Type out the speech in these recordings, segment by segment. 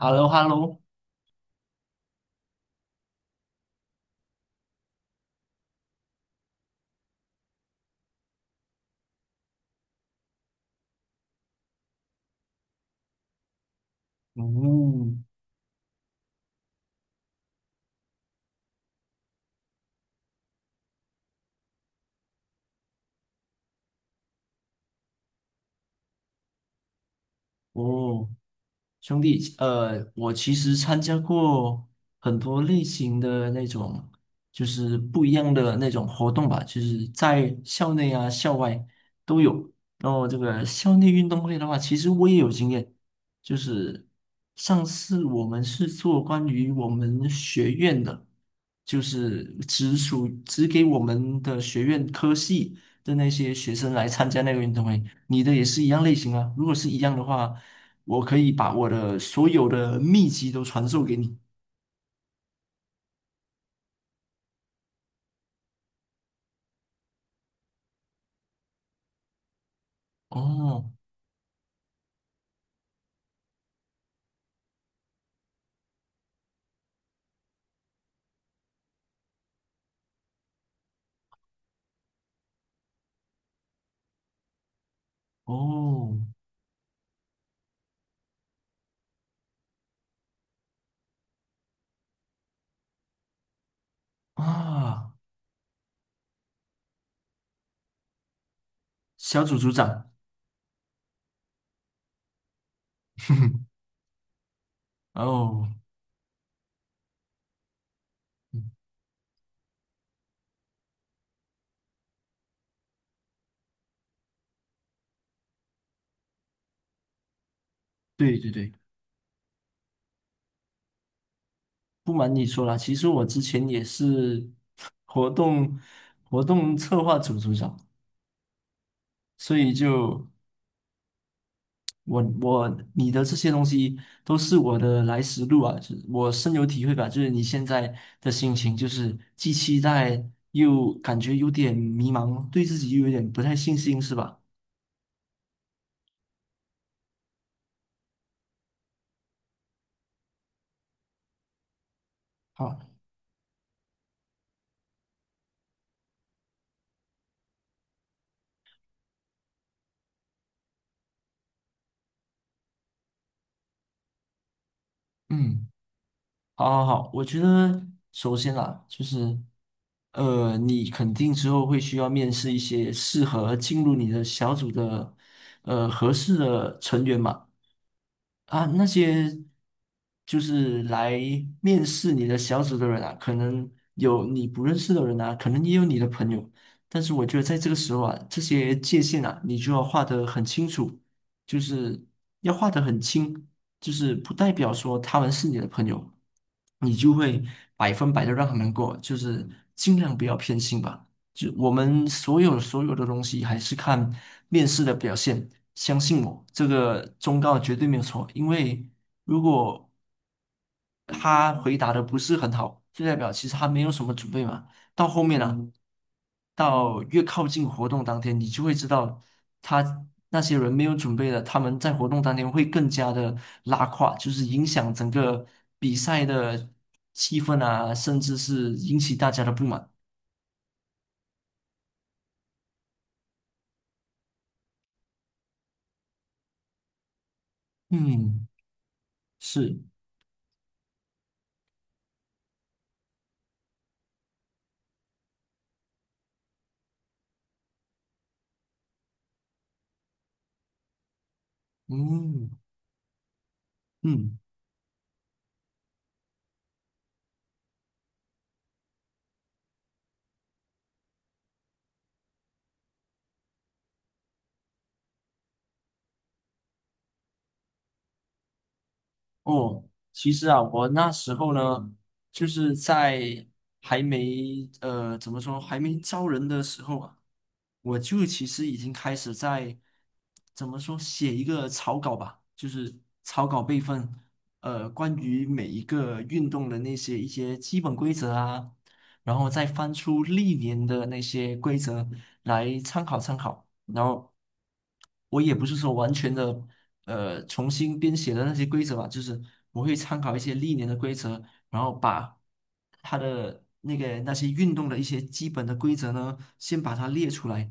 h e l l o h e l l o 嗯。哦，兄弟，我其实参加过很多类型的那种，就是不一样的那种活动吧，就是在校内啊、校外都有。然后这个校内运动会的话，其实我也有经验，就是上次我们是做关于我们学院的，就是只给我们的学院科系的那些学生来参加那个运动会。你的也是一样类型啊。如果是一样的话，我可以把我的所有的秘籍都传授给你。哦。哦啊，小组组长。哦，嗯，对对对，不瞒你说啦，其实我之前也是 活动活动策划组组长，所以就。我你的这些东西都是我的来时路啊，就是我深有体会吧。就是你现在的心情，就是既期待又感觉有点迷茫，对自己又有点不太信心，是吧？好。嗯，好，好，好，我觉得首先啦，就是你肯定之后会需要面试一些适合进入你的小组的合适的成员嘛。啊，那些就是来面试你的小组的人啊，可能有你不认识的人啊，可能也有你的朋友，但是我觉得在这个时候啊，这些界限啊，你就要画得很清楚，就是要画得很清，就是不代表说他们是你的朋友，你就会百分百的让他们过，就是尽量不要偏心吧。就我们所有的东西还是看面试的表现。相信我，这个忠告绝对没有错。因为如果他回答的不是很好，就代表其实他没有什么准备嘛。到后面啊，到越靠近活动当天，你就会知道他那些人没有准备的，他们在活动当天会更加的拉胯，就是影响整个比赛的气氛啊，甚至是引起大家的不满。嗯，是。嗯。嗯。哦，其实啊，我那时候呢，就是在还没怎么说还没招人的时候啊，我就其实已经开始在怎么说写一个草稿吧，就是草稿备份，关于每一个运动的那些一些基本规则啊，然后再翻出历年的那些规则来参考参考。然后我也不是说完全的重新编写的那些规则吧，就是我会参考一些历年的规则，然后把它的那个那些运动的一些基本的规则呢，先把它列出来。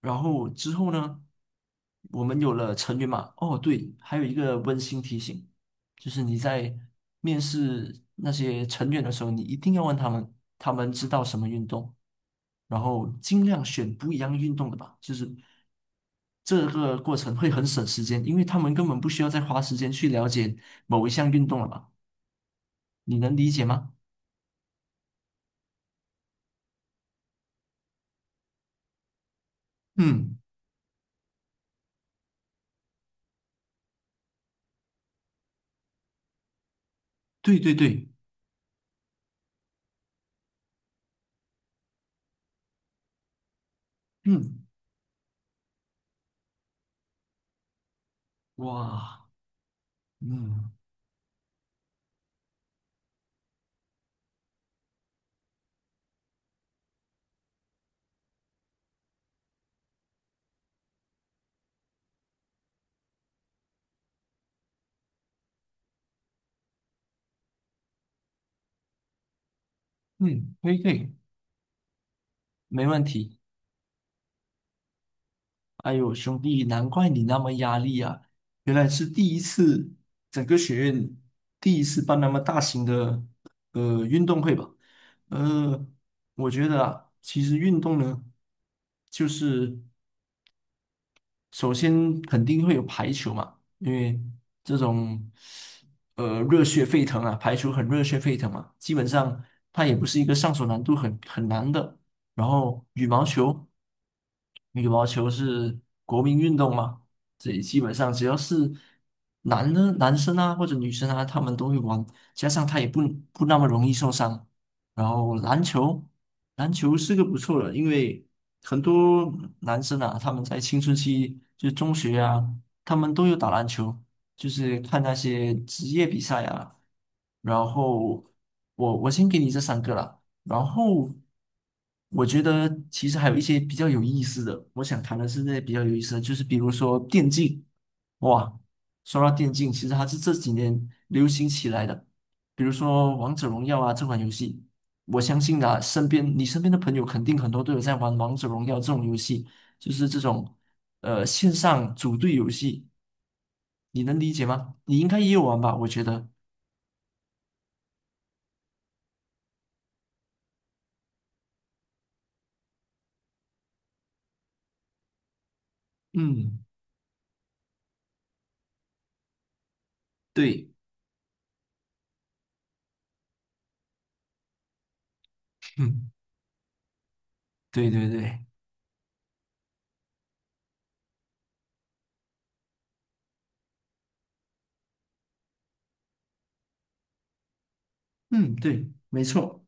然后之后呢，我们有了成员嘛，哦对，还有一个温馨提醒。就是你在面试那些成员的时候，你一定要问他们，他们知道什么运动，然后尽量选不一样运动的吧。就是这个过程会很省时间，因为他们根本不需要再花时间去了解某一项运动了吧？你能理解吗？嗯，对对对。嗯。哇。嗯嗯，可以可以，没问题。哎呦，兄弟，难怪你那么压力啊！原来是第一次，整个学院第一次办那么大型的运动会吧？呃，我觉得啊，其实运动呢，就是首先肯定会有排球嘛，因为这种热血沸腾啊，排球很热血沸腾嘛，基本上它也不是一个上手难度很难的。然后羽毛球，羽毛球是国民运动嘛，这里基本上只要是男的男生啊或者女生啊，他们都会玩，加上它也不那么容易受伤。然后篮球。篮球是个不错的，因为很多男生啊，他们在青春期，就是中学啊，他们都有打篮球，就是看那些职业比赛啊。然后我先给你这三个啦，然后我觉得其实还有一些比较有意思的，我想谈的是那些比较有意思的，就是比如说电竞，哇，说到电竞，其实它是这几年流行起来的，比如说王者荣耀啊这款游戏。我相信啊，身边你身边的朋友肯定很多都有在玩王者荣耀这种游戏，就是这种线上组队游戏，你能理解吗？你应该也有玩吧？我觉得，嗯，对。嗯，对对对。嗯，对，没错。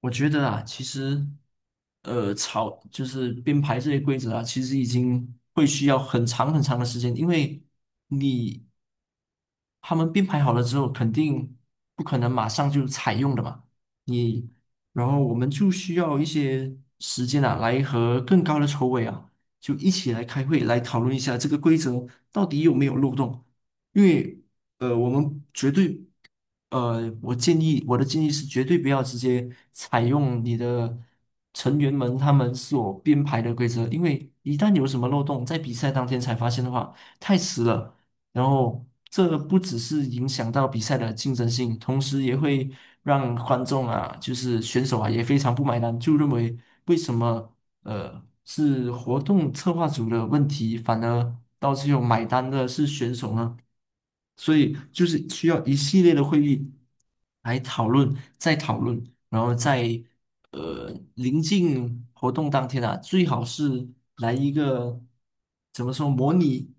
我觉得啊，其实，草就是编排这些规则啊，其实已经会需要很长很长的时间，因为你他们编排好了之后，肯定不可能马上就采用的嘛。你，然后我们就需要一些时间啊，来和更高的筹委啊，就一起来开会，来讨论一下这个规则到底有没有漏洞，因为我们绝对，我的建议是绝对不要直接采用你的成员们他们所编排的规则，因为一旦有什么漏洞，在比赛当天才发现的话，太迟了。然后这不只是影响到比赛的竞争性，同时也会让观众啊，就是选手啊，也非常不买单，就认为为什么是活动策划组的问题，反而到最后买单的是选手呢？所以就是需要一系列的会议来讨论，再讨论，然后在临近活动当天啊，最好是来一个怎么说模拟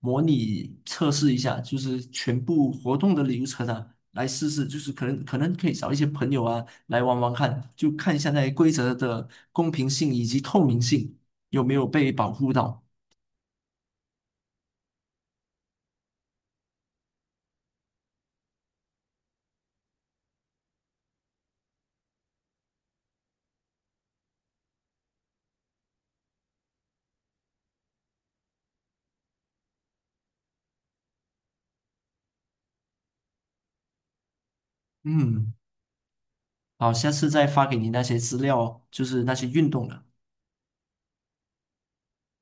模拟测试一下，就是全部活动的流程啊，来试试，就是可能可以找一些朋友啊来玩玩看，就看一下那些规则的公平性以及透明性有没有被保护到。嗯，好，下次再发给你那些资料，就是那些运动的。